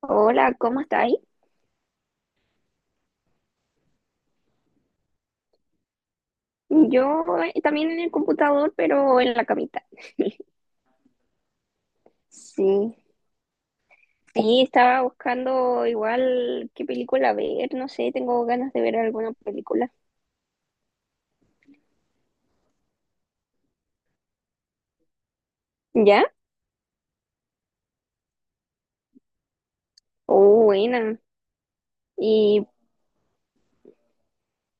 Hola, ¿cómo estáis? Yo también en el computador, pero en la camita. Sí, sí, estaba buscando igual qué película ver, no sé, tengo ganas de ver alguna película. ¿Ya? Oh, buena. Y,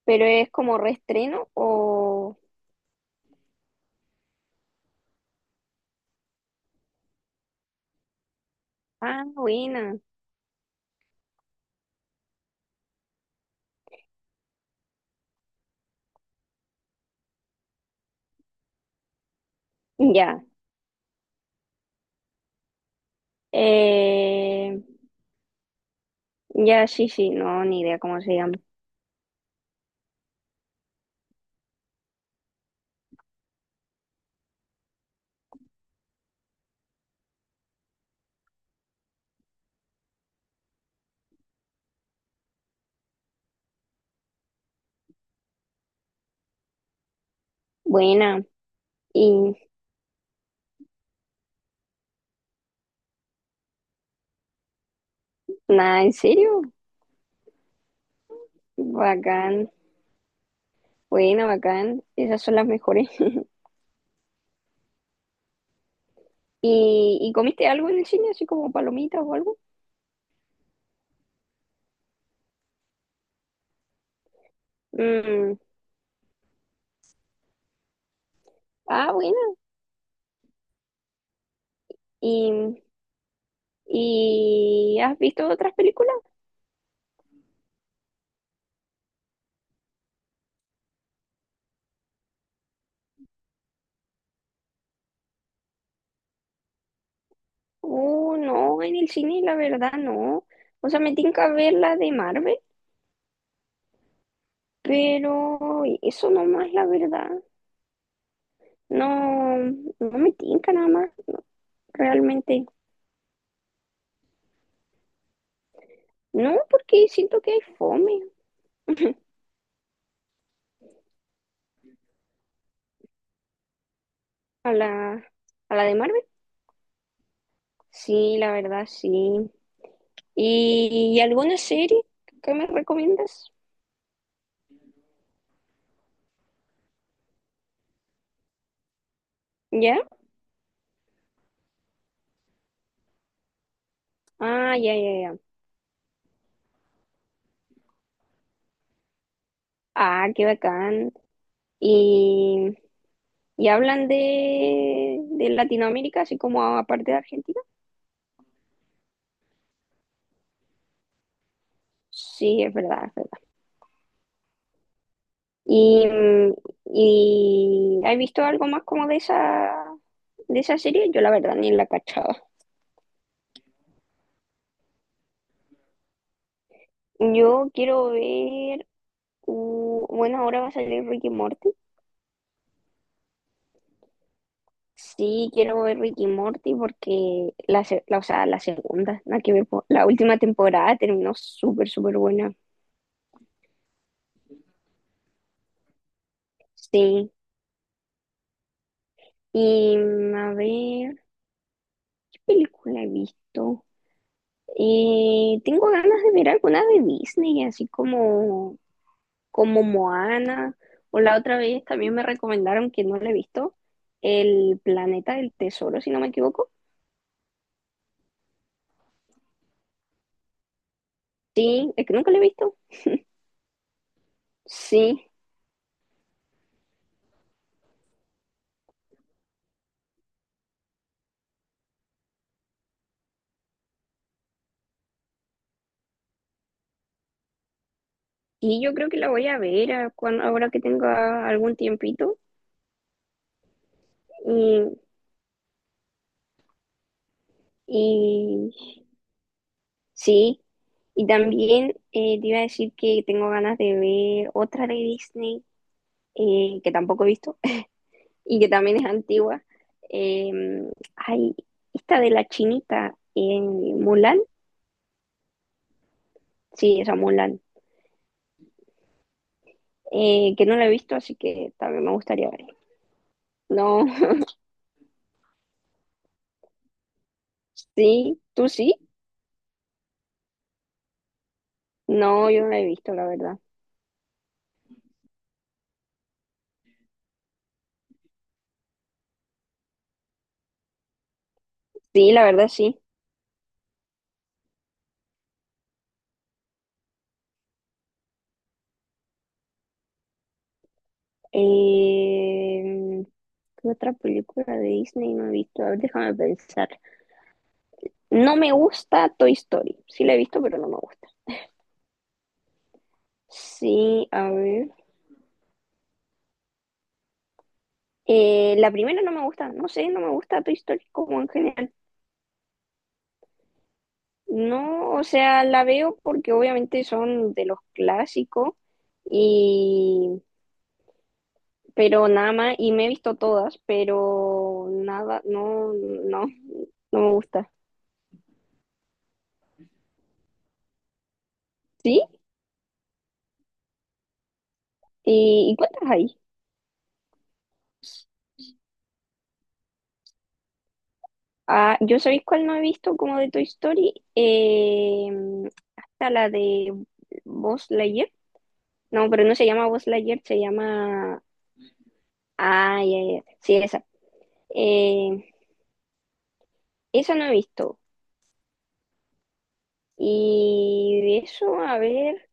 pero es como reestreno o. Ah, buena. Ya. Eh, ya, sí, sí, no, ni idea cómo se llama. Buena. Y nada, ¿en serio? Bacán. Buena, bacán. Esas son las mejores. ¿Y comiste algo en el cine, así como palomitas o algo? Mm. Ah, bueno. ¿Y, y has visto otras películas? Oh, no, en el cine la verdad no. O sea, me tinca ver la de Marvel, pero eso nomás la verdad. No, no me tinca nada más, no, realmente. No, porque siento que hay fome a la, a la, de Marvel. Sí, la verdad, sí. ¿Y alguna serie que me recomiendas? ¿Ya? Ah, ya, ya, ya. Ah, qué bacán. Y, y hablan de, Latinoamérica, así como aparte de Argentina. Sí, es verdad, es verdad. Y, mm, y ¿has visto algo más como de esa serie? Yo la verdad ni la cachaba. Yo quiero ver, bueno, ahora va a salir Ricky Morty. Sí, quiero ver Ricky Morty porque o sea, la segunda, la que ve po- la última temporada terminó súper, súper buena. Sí. Y a ver, ¿qué película he visto? Tengo ganas de ver alguna de Disney, así como Moana. O la otra vez también me recomendaron que no la he visto. El Planeta del Tesoro, si no me equivoco. Sí, es que nunca la he visto. Sí, y yo creo que la voy a ver ahora que tenga algún tiempito. Y, y sí, y también te iba a decir que tengo ganas de ver otra de Disney, que tampoco he visto, y que también es antigua. Eh, ay, esta de la chinita en Mulan, sí, esa Mulan, que no la he visto, así que también me gustaría verla. No, sí, ¿tú sí? No, yo no la he visto, la verdad. Sí, la verdad sí. Eh, ¿Qué otra película de Disney no he visto? A ver, déjame pensar. No me gusta Toy Story. Sí la he visto, pero no me gusta. Sí, a ver. La primera no me gusta, no sé, no me gusta Toy Story como en general. No, o sea, la veo porque obviamente son de los clásicos y pero nada más y me he visto todas, pero nada, no, no, no me gusta. ¿Sí? ¿Y cuántas hay? Ah, yo sabéis cuál no he visto como de Toy Story. Hasta la de Buzz Lightyear. No, pero no se llama Buzz Lightyear, se llama. Ah, ya, ya, ya. Sí, esa. Eh, Eso no he visto. Y de eso, a ver,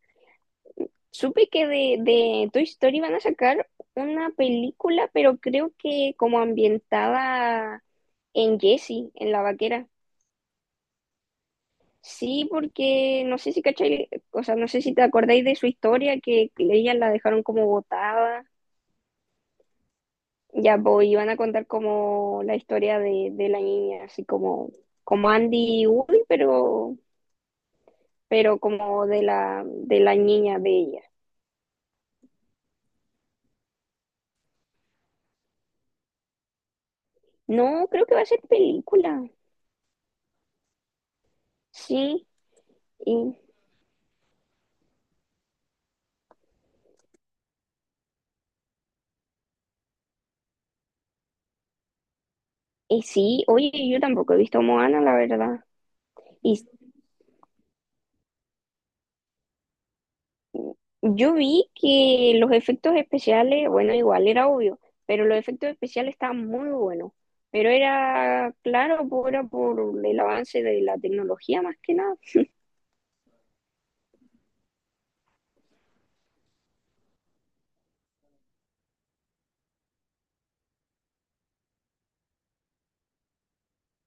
supe que de, Toy Story van a sacar una película, pero creo que como ambientada en Jessie, en la vaquera. Sí, porque no sé si cachai, o sea, no sé si te acordáis de su historia, que ella la dejaron como botada. Ya, iban a contar como la historia de, la niña, así como Andy y Woody, pero como de la niña de ella. No, creo que va a ser película. Sí, y, y sí, oye, yo tampoco he visto Moana, la verdad. Y yo vi que los efectos especiales, bueno, igual era obvio, pero los efectos especiales estaban muy buenos. Pero era, claro, era por el avance de la tecnología más que nada.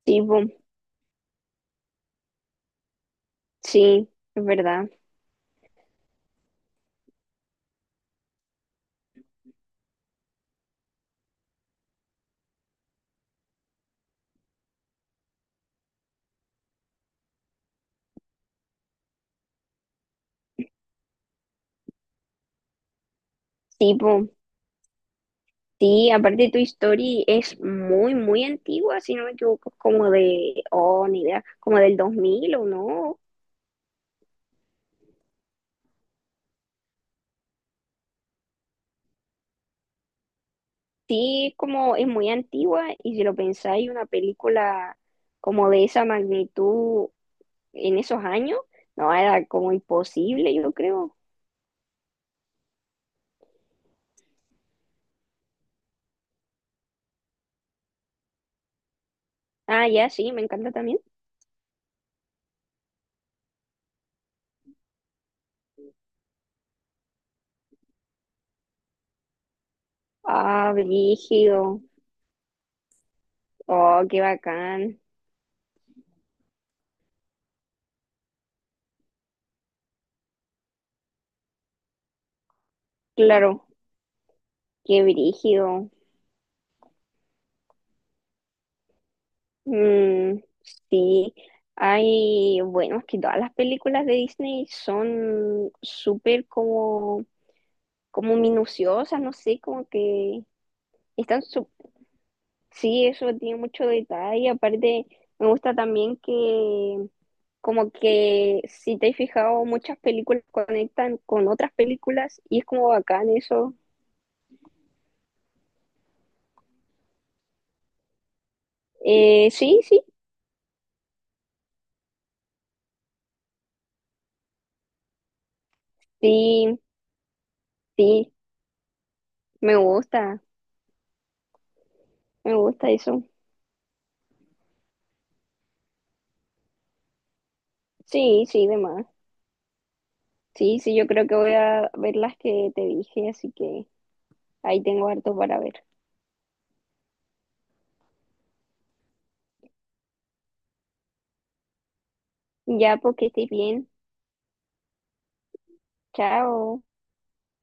Tipo, sí, es verdad. Tipo, sí, aparte Tu Story es muy, muy antigua, si no me equivoco, como de, oh, ni idea, como del 2000 o no. Sí, como es muy antigua y si lo pensáis, una película como de esa magnitud en esos años, no, era como imposible, yo creo. Ah, ya, sí, me encanta también. Ah, brígido. Oh, qué bacán. Claro, qué brígido. Mm, sí, hay, bueno, es que todas las películas de Disney son súper como, minuciosas, no sé, como que están, sí, eso tiene mucho detalle. Aparte, me gusta también que, como que, si te has fijado, muchas películas conectan con otras películas y es como bacán eso. Sí, sí, sí, sí, me gusta, me gusta eso. Sí, sí, demás. Sí, sí, yo creo que voy a ver las que te dije, así que ahí tengo harto para ver. Ya, porque estés bien. Chao.